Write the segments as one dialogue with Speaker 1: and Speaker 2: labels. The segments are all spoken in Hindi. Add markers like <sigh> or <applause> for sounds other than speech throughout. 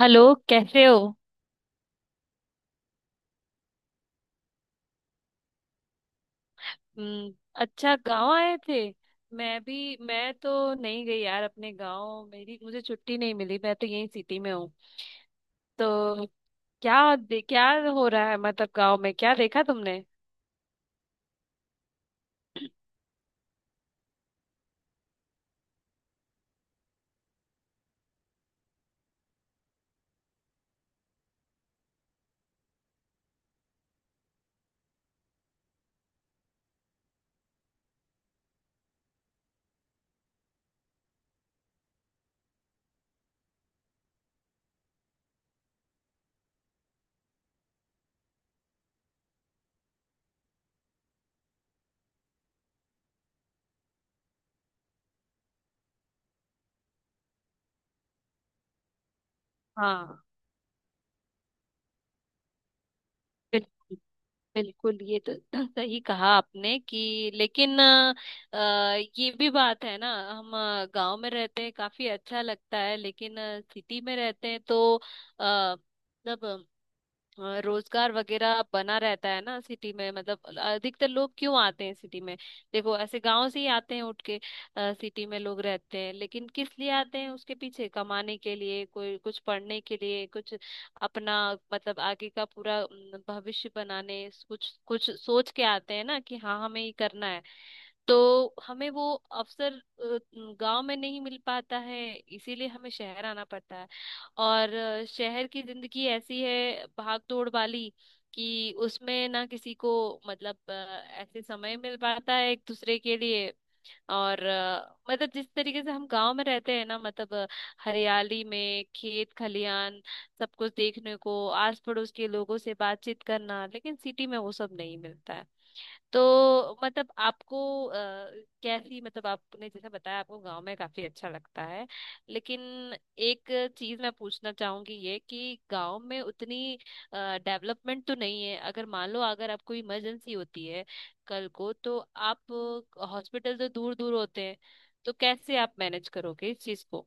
Speaker 1: हेलो। कैसे हो? हम्म। अच्छा, गांव आए थे? मैं तो नहीं गई यार, अपने गांव। मेरी मुझे छुट्टी नहीं मिली। मैं तो यहीं सिटी में हूँ। तो क्या हो रहा है, मतलब गांव में क्या देखा तुमने? हाँ। बिल्कुल। बिल्कुल ये तो <clears throat> सही कहा आपने कि, लेकिन अ, ये भी बात है ना, हम गांव में रहते हैं काफी अच्छा लगता है, लेकिन सिटी में रहते हैं तो अ, मतलब रोजगार वगैरह बना रहता है ना सिटी में। मतलब अधिकतर लोग क्यों आते हैं सिटी में? देखो ऐसे गांव से ही आते हैं उठ के, सिटी में लोग रहते हैं। लेकिन किस लिए आते हैं? उसके पीछे कमाने के लिए, कोई कुछ पढ़ने के लिए, कुछ अपना मतलब आगे का पूरा भविष्य बनाने, कुछ कुछ सोच के आते हैं ना, कि हाँ हमें ये करना है। तो हमें वो अवसर गांव में नहीं मिल पाता है, इसीलिए हमें शहर आना पड़ता है। और शहर की जिंदगी ऐसी है, भाग दौड़ वाली, कि उसमें ना किसी को मतलब ऐसे समय मिल पाता है एक दूसरे के लिए। और मतलब जिस तरीके से हम गांव में रहते हैं ना, मतलब हरियाली में खेत खलियान सब कुछ देखने को, आस पड़ोस के लोगों से बातचीत करना, लेकिन सिटी में वो सब नहीं मिलता है। तो मतलब आपको अ, कैसी, मतलब आपने जैसे बताया आपको गांव में काफी अच्छा लगता है, लेकिन एक चीज मैं पूछना चाहूंगी, ये कि गांव में उतनी डेवलपमेंट तो नहीं है। अगर मान लो अगर आपको इमरजेंसी होती है कल को, तो आप, हॉस्पिटल तो दूर दूर होते हैं, तो कैसे आप मैनेज करोगे इस चीज को?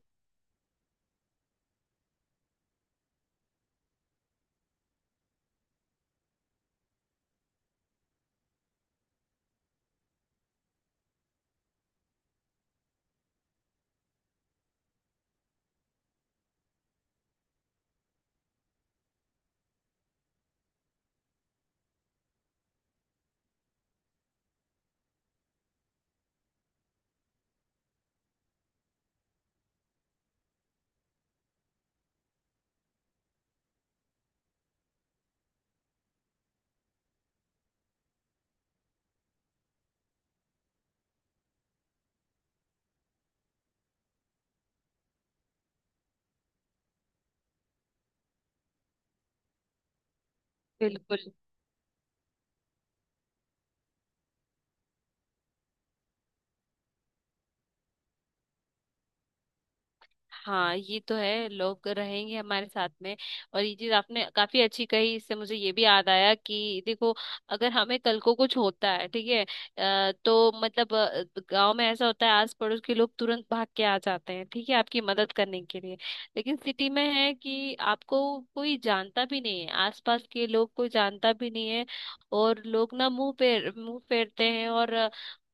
Speaker 1: बिल्कुल। हाँ ये तो है, लोग रहेंगे हमारे साथ में। और ये चीज आपने काफी अच्छी कही, इससे मुझे ये भी याद आया कि देखो, अगर हमें कल को कुछ होता है ठीक है, तो मतलब गांव में ऐसा होता है, आस पड़ोस के लोग तुरंत भाग के आ जाते हैं ठीक है, आपकी मदद करने के लिए। लेकिन सिटी में है कि आपको कोई जानता भी नहीं है, आसपास के लोग कोई जानता भी नहीं है। और लोग ना मुंह पे मुंह फेरते हैं, और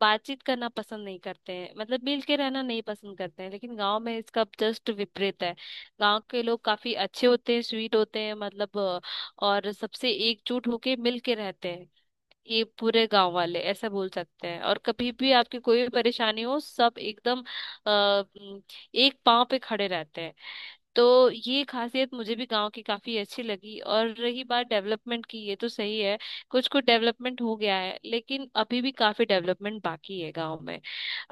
Speaker 1: बातचीत करना पसंद नहीं करते हैं, मतलब मिल के रहना नहीं पसंद करते हैं। लेकिन गांव में इसका जस्ट विपरीत है। गांव के लोग काफी अच्छे होते हैं, स्वीट होते हैं, मतलब और सबसे एकजुट होके मिल के रहते हैं। ये पूरे गांव वाले ऐसा बोल सकते हैं, और कभी भी आपकी कोई भी परेशानी हो सब एकदम अ, एक पांव पे खड़े रहते हैं। तो ये खासियत मुझे भी गांव की काफी अच्छी लगी। और रही बात डेवलपमेंट की, ये तो सही है कुछ कुछ डेवलपमेंट हो गया है, लेकिन अभी भी काफी डेवलपमेंट बाकी है गांव में।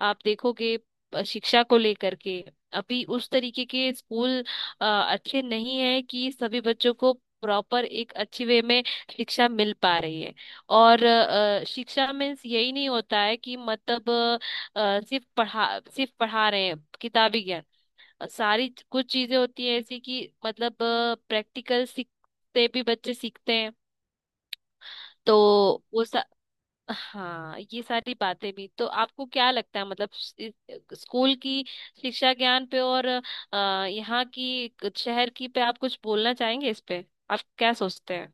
Speaker 1: आप देखोगे शिक्षा को लेकर के अभी उस तरीके के स्कूल अच्छे नहीं है कि सभी बच्चों को प्रॉपर एक अच्छी वे में शिक्षा मिल पा रही है। और शिक्षा मीन्स यही नहीं होता है कि, मतलब सिर्फ पढ़ा रहे हैं किताबी ज्ञान। सारी कुछ चीजें होती है ऐसी कि, मतलब प्रैक्टिकल सीखते, भी बच्चे सीखते हैं। तो वो सा, हाँ ये सारी बातें भी तो, आपको क्या लगता है मतलब स्कूल की शिक्षा ज्ञान पे, और यहाँ की शहर की पे आप कुछ बोलना चाहेंगे इस पे? आप क्या सोचते हैं?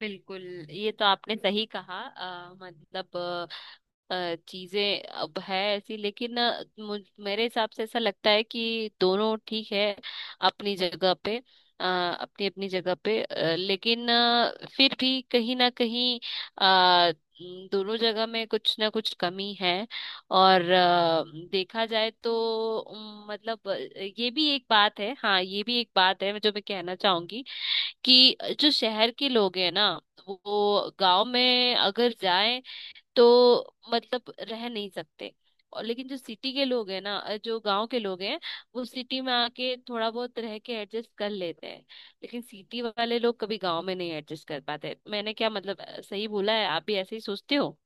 Speaker 1: बिल्कुल। ये तो आपने सही कहा मतलब चीजें अब है ऐसी, लेकिन अ, मुझ मेरे हिसाब से ऐसा लगता है कि दोनों ठीक है अपनी जगह पे। अ, अपनी अपनी जगह पे, लेकिन फिर भी कहीं ना कहीं अ, दोनों जगह में कुछ ना कुछ कमी है। और देखा जाए तो, मतलब ये भी एक बात है। हाँ ये भी एक बात है जो मैं कहना चाहूंगी, कि जो शहर के लोग हैं ना वो गांव में अगर जाएं तो मतलब रह नहीं सकते। और लेकिन जो सिटी के लोग हैं ना, जो गांव के लोग हैं वो सिटी में आके थोड़ा बहुत रह के एडजस्ट कर लेते हैं। लेकिन सिटी वाले लोग कभी गांव में नहीं एडजस्ट कर पाते। मैंने क्या, मतलब सही बोला है? आप भी ऐसे ही सोचते हो?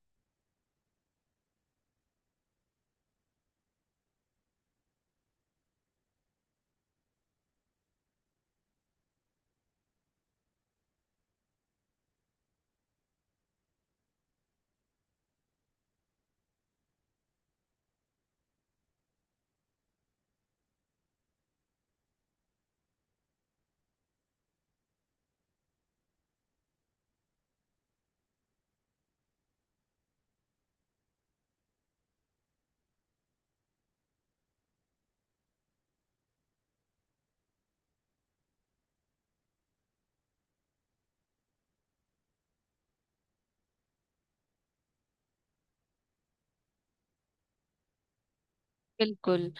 Speaker 1: बिल्कुल।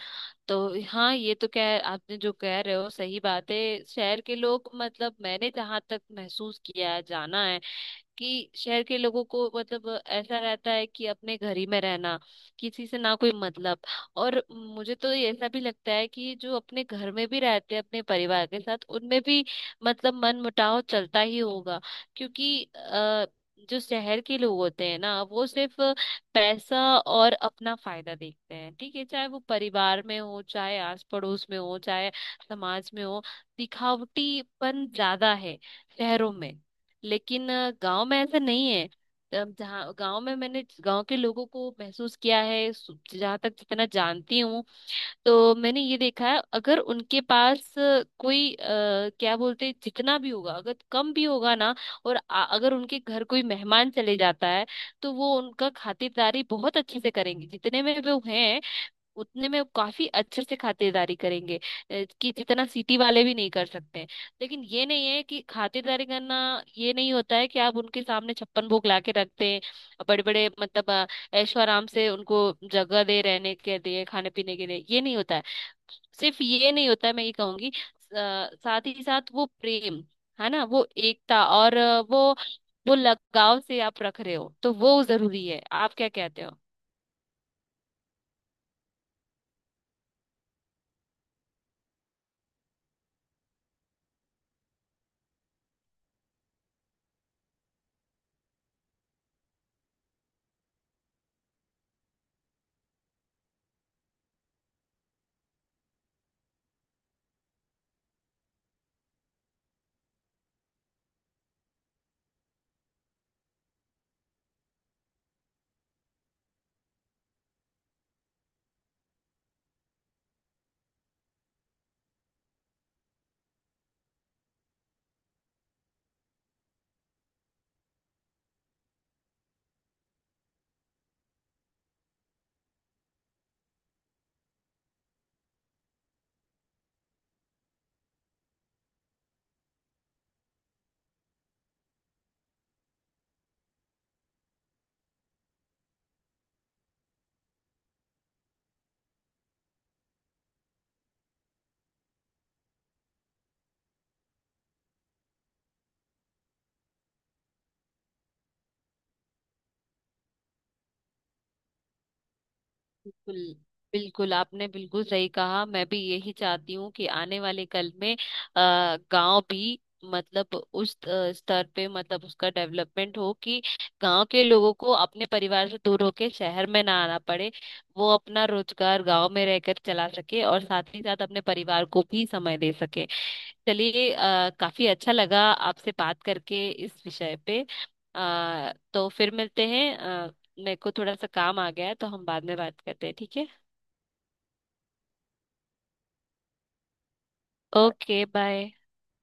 Speaker 1: तो हाँ ये तो, कह आपने जो कह रहे हो सही बात है। शहर के लोग, मतलब मैंने जहां तक महसूस किया है जाना है, कि शहर के लोगों को मतलब ऐसा रहता है कि अपने घर ही में रहना, किसी से ना कोई मतलब। और मुझे तो ये ऐसा भी लगता है कि जो अपने घर में भी रहते हैं अपने परिवार के साथ, उनमें भी मतलब मन मुटाव चलता ही होगा। क्योंकि जो शहर के लोग होते हैं ना वो सिर्फ पैसा और अपना फायदा देखते हैं, ठीक है चाहे वो परिवार में हो, चाहे आस पड़ोस में हो, चाहे समाज में हो। दिखावटीपन ज्यादा है शहरों में, लेकिन गांव में ऐसा नहीं है। तब जहाँ गांव में मैंने गांव के लोगों को महसूस किया है, जहाँ तक जितना जानती हूँ, तो मैंने ये देखा है, अगर उनके पास कोई क्या बोलते हैं, जितना भी होगा, अगर कम भी होगा ना, और अगर उनके घर कोई मेहमान चले जाता है, तो वो उनका खातिरदारी बहुत अच्छे से करेंगे। जितने में वो हैं उतने में वो काफी अच्छे से खातिरदारी करेंगे कि जितना सिटी वाले भी नहीं कर सकते हैं। लेकिन ये नहीं है कि खातिरदारी करना ये नहीं होता है कि आप उनके सामने छप्पन भोग ला के रखते हैं, बड़े बड़े मतलब ऐशो आराम से उनको जगह दे रहने के लिए खाने पीने के लिए, ये नहीं होता है। सिर्फ ये नहीं होता है मैं ये कहूंगी, साथ ही साथ वो प्रेम है ना, वो एकता, और वो लगाव से आप रख रहे हो, तो वो जरूरी है। आप क्या कहते हो? बिल्कुल। बिल्कुल आपने बिल्कुल सही कहा। मैं भी यही चाहती हूँ कि आने वाले कल में आ गांव भी, मतलब उस स्तर पे, मतलब उसका डेवलपमेंट हो कि गांव के लोगों को अपने परिवार से दूर होके शहर में ना आना पड़े। वो अपना रोजगार गांव में रहकर चला सके, और साथ ही साथ अपने परिवार को भी समय दे सके। चलिए काफी अच्छा लगा आपसे बात करके इस विषय पे। तो फिर मिलते हैं। मेरे को थोड़ा सा काम आ गया है, तो हम बाद में बात करते हैं ठीक है। Okay bye.